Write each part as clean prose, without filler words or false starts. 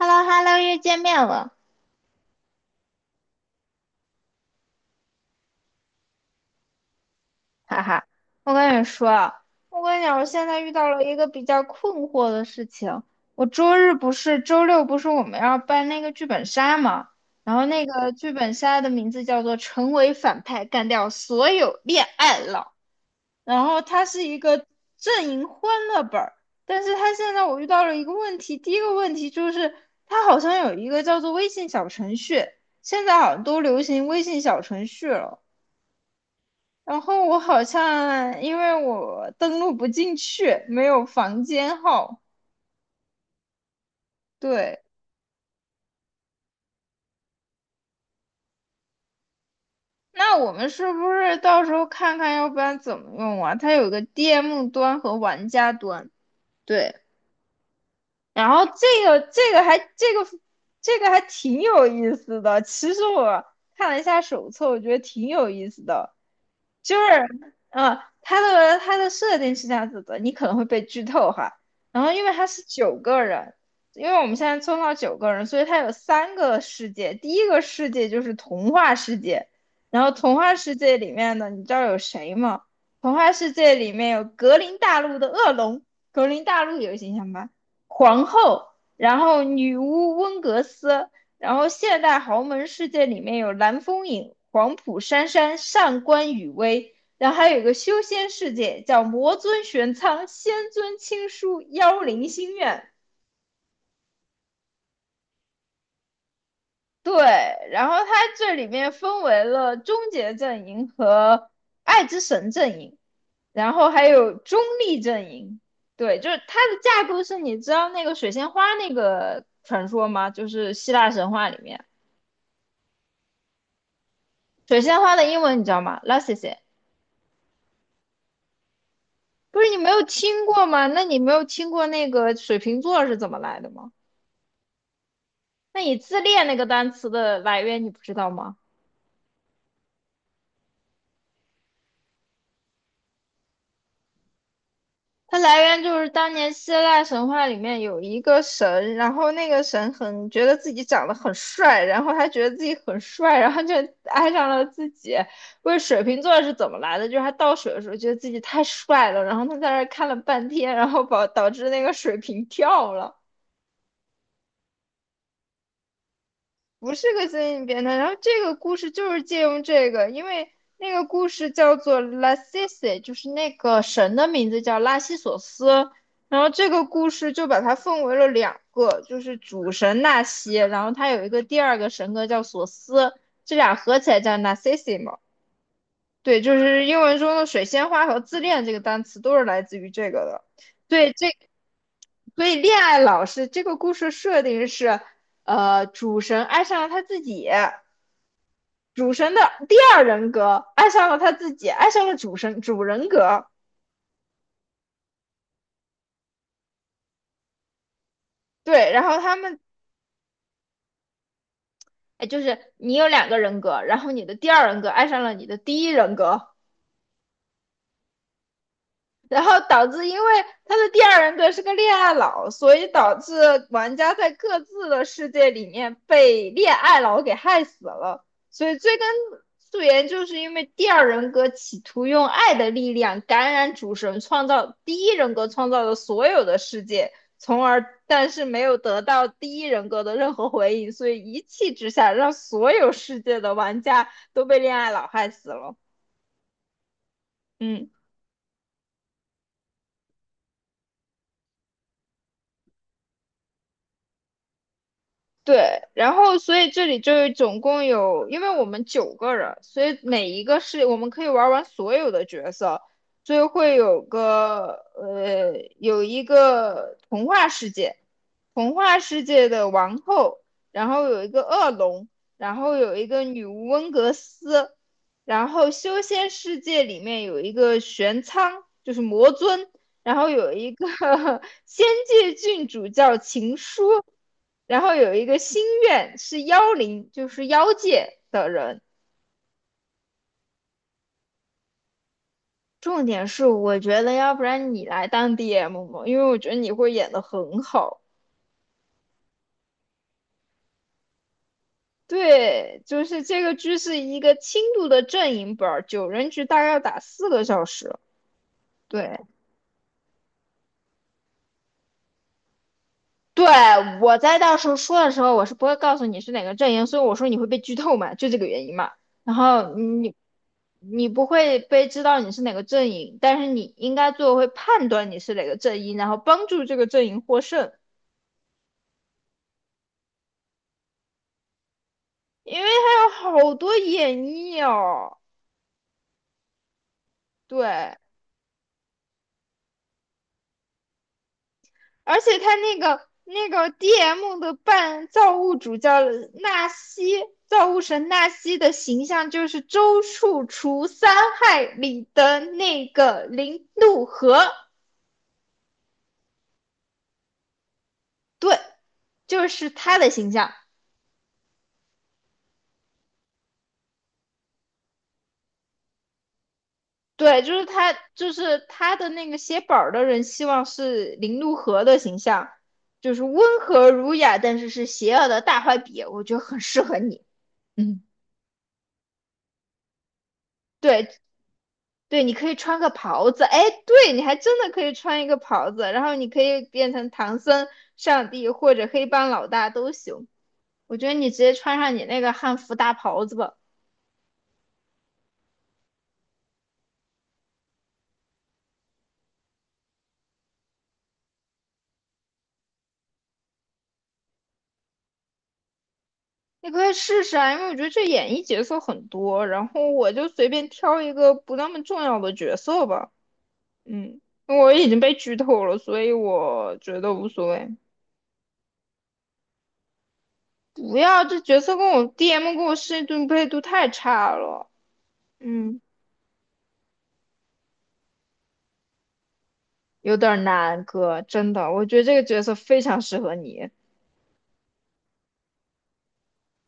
h e l l o h e l l o 又见面了，哈哈。我跟你说啊，我跟你讲，我现在遇到了一个比较困惑的事情。我周日不是，周六不是我们要办那个剧本杀嘛？然后那个剧本杀的名字叫做"成为反派，干掉所有恋爱脑"。然后它是一个阵营欢乐本儿，但是它现在我遇到了一个问题。第一个问题就是，它好像有一个叫做微信小程序，现在好像都流行微信小程序了。然后我好像因为我登录不进去，没有房间号。对，那我们是不是到时候看看，要不然怎么用啊？它有个 DM 端和玩家端。对，然后这个这个还这个这个还挺有意思的。其实我看了一下手册，我觉得挺有意思的。就是它的设定是这样子的，你可能会被剧透哈。然后因为它是九个人，因为我们现在抽到九个人，所以它有三个世界。第一个世界就是童话世界，然后童话世界里面的你知道有谁吗？童话世界里面有格林大陆的恶龙，格林大陆有形象吧？皇后，然后女巫温格斯，然后现代豪门世界里面有蓝风影、黄浦珊珊、上官雨薇，然后还有一个修仙世界叫魔尊玄苍、仙尊青书、妖灵心愿。对，然后它这里面分为了终结阵营和爱之神阵营，然后还有中立阵营。对，就是它的架构是，你知道那个水仙花那个传说吗？就是希腊神话里面水仙花的英文你知道吗 l a s s i e 不是你没有听过吗？那你没有听过那个水瓶座是怎么来的吗？那你自恋那个单词的来源你不知道吗？它来源就是当年希腊神话里面有一个神，然后那个神很觉得自己长得很帅，然后他觉得自己很帅，然后就爱上了自己。问水瓶座是怎么来的？就是他倒水的时候觉得自己太帅了，然后他在那儿看了半天，然后导致那个水瓶跳了。不是个心理变态。然后这个故事就是借用这个，因为那个故事叫做拉西西，就是那个神的名字叫拉西索斯。然后这个故事就把它分为了两个，就是主神纳西，然后他有一个第二个神格叫索斯，这俩合起来叫 Narcissism。对，就是英文中的水仙花和自恋这个单词都是来自于这个的。对，所以恋爱老师这个故事设定是，主神爱上了他自己，主神的第二人格爱上了他自己，爱上了主神主人格。对，然后他们哎，就是你有两个人格，然后你的第二人格爱上了你的第一人格。然后导致因为他的第二人格是个恋爱脑，所以导致玩家在各自的世界里面被恋爱脑给害死了。所以追根溯源，就是因为第二人格企图用爱的力量感染主神，创造第一人格创造的所有的世界，但是没有得到第一人格的任何回应，所以一气之下让所有世界的玩家都被恋爱脑害死了。嗯。对，然后所以这里就是总共有，因为我们九个人，所以每一个是我们可以玩完所有的角色，所以会有个呃有一个童话世界，童话世界的王后，然后有一个恶龙，然后有一个女巫温格斯，然后修仙世界里面有一个玄苍，就是魔尊，然后有一个 仙界郡主叫情书。然后有一个心愿是妖灵，就是妖界的人。重点是，我觉得要不然你来当 DM 嘛，因为我觉得你会演得很好。对，就是这个剧是一个轻度的阵营本九人局大概要打4个小时。对，对，我在到时候说的时候，我是不会告诉你是哪个阵营，所以我说你会被剧透嘛，就这个原因嘛。然后你不会被知道你是哪个阵营，但是你应该做会判断你是哪个阵营，然后帮助这个阵营获胜，因为还有好多演绎哦。对，而且他那个 DM 的半造物主叫纳西，造物神纳西的形象就是周处除三害里的那个林怒河，对，就是他的形象。对，就是他的那个写本的人，希望是林怒河的形象，就是温和儒雅，但是是邪恶的大坏笔，我觉得很适合你。嗯，对，对，你可以穿个袍子，哎，对，你还真的可以穿一个袍子，然后你可以变成唐僧、上帝或者黑帮老大都行。我觉得你直接穿上你那个汉服大袍子吧，你可以试试啊，因为我觉得这演绎角色很多，然后我就随便挑一个不那么重要的角色吧。嗯，我已经被剧透了，所以我觉得无所谓。不要，这角色跟我 DM 跟我设定配度太差了。嗯。有点儿难哥，真的，我觉得这个角色非常适合你。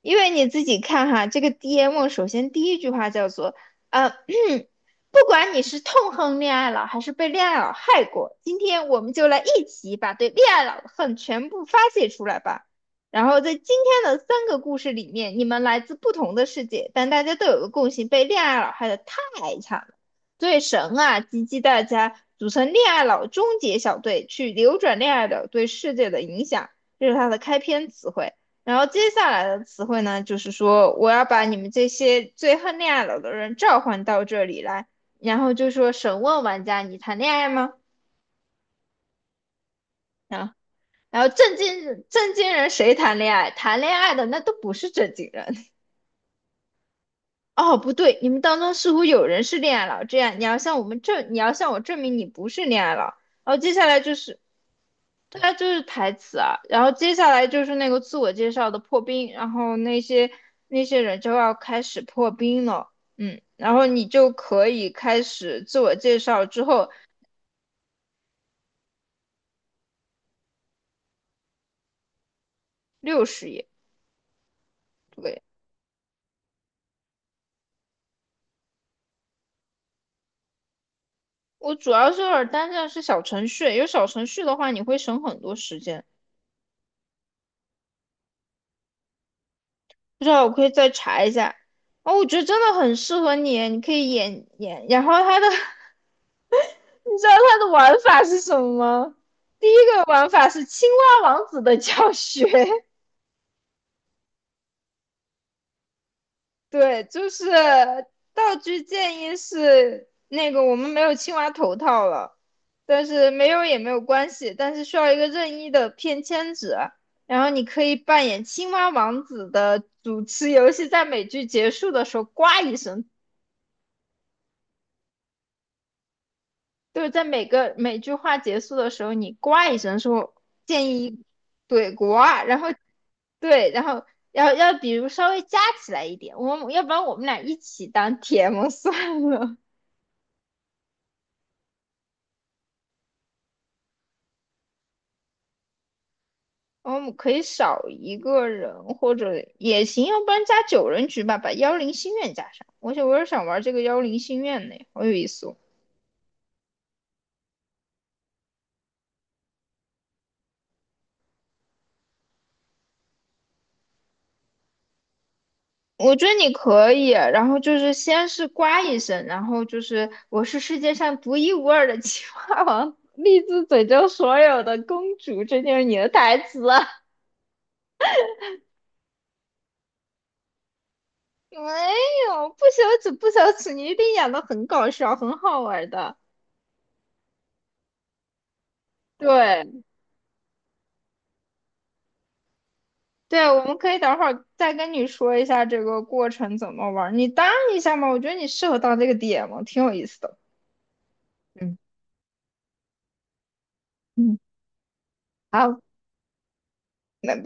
因为你自己看哈，这个 DM 首先第一句话叫做，呃，不管你是痛恨恋爱脑还是被恋爱脑害过，今天我们就来一起把对恋爱脑的恨全部发泄出来吧。然后在今天的三个故事里面，你们来自不同的世界，但大家都有个共性，被恋爱脑害得太惨了。所以神啊，集大家组成恋爱脑终结小队，去扭转恋爱脑对世界的影响，这是他的开篇词汇。然后接下来的词汇呢，就是说我要把你们这些最恨恋爱脑的人召唤到这里来，然后就说审问玩家，你谈恋爱吗？啊，然后正经人谁谈恋爱？谈恋爱的那都不是正经人。哦，不对，你们当中似乎有人是恋爱脑，这样你要向我们证，你要向我证明你不是恋爱脑。然后接下来就是，对啊，就是台词啊。然后接下来就是那个自我介绍的破冰，然后那些人就要开始破冰了，嗯，然后你就可以开始自我介绍之后60页。对，我主要是有点担心的是小程序，有小程序的话，你会省很多时间。不知道，我可以再查一下。哦，我觉得真的很适合你，你可以演演。然后他的，你知道他的玩法是什么吗？第一个玩法是青蛙王子的教学，对，就是道具建议是那个我们没有青蛙头套了，但是没有也没有关系，但是需要一个任意的便签纸，然后你可以扮演青蛙王子的主持游戏，在美剧结束的时候，呱一声就是在每个每句话结束的时候，你呱一声说建议，对呱，然后对，然后要比如稍微加起来一点，我们要不然我们俩一起当 TM 算了，我们可以少一个人或者也行，要不然加九人局吧，把幺零心愿加上。我也想玩这个幺零心愿呢，好有意思哦。我觉得你可以，然后就是先是呱一声，然后就是我是世界上独一无二的青蛙王，立志拯救所有的公主，这就是你的台词了。没有，不羞耻，不羞耻，你一定演的很搞笑，很好玩的。对对，我们可以等会儿再跟你说一下这个过程怎么玩儿，你当一下嘛，我觉得你适合当这个 DM，挺有意思的。嗯嗯，好。那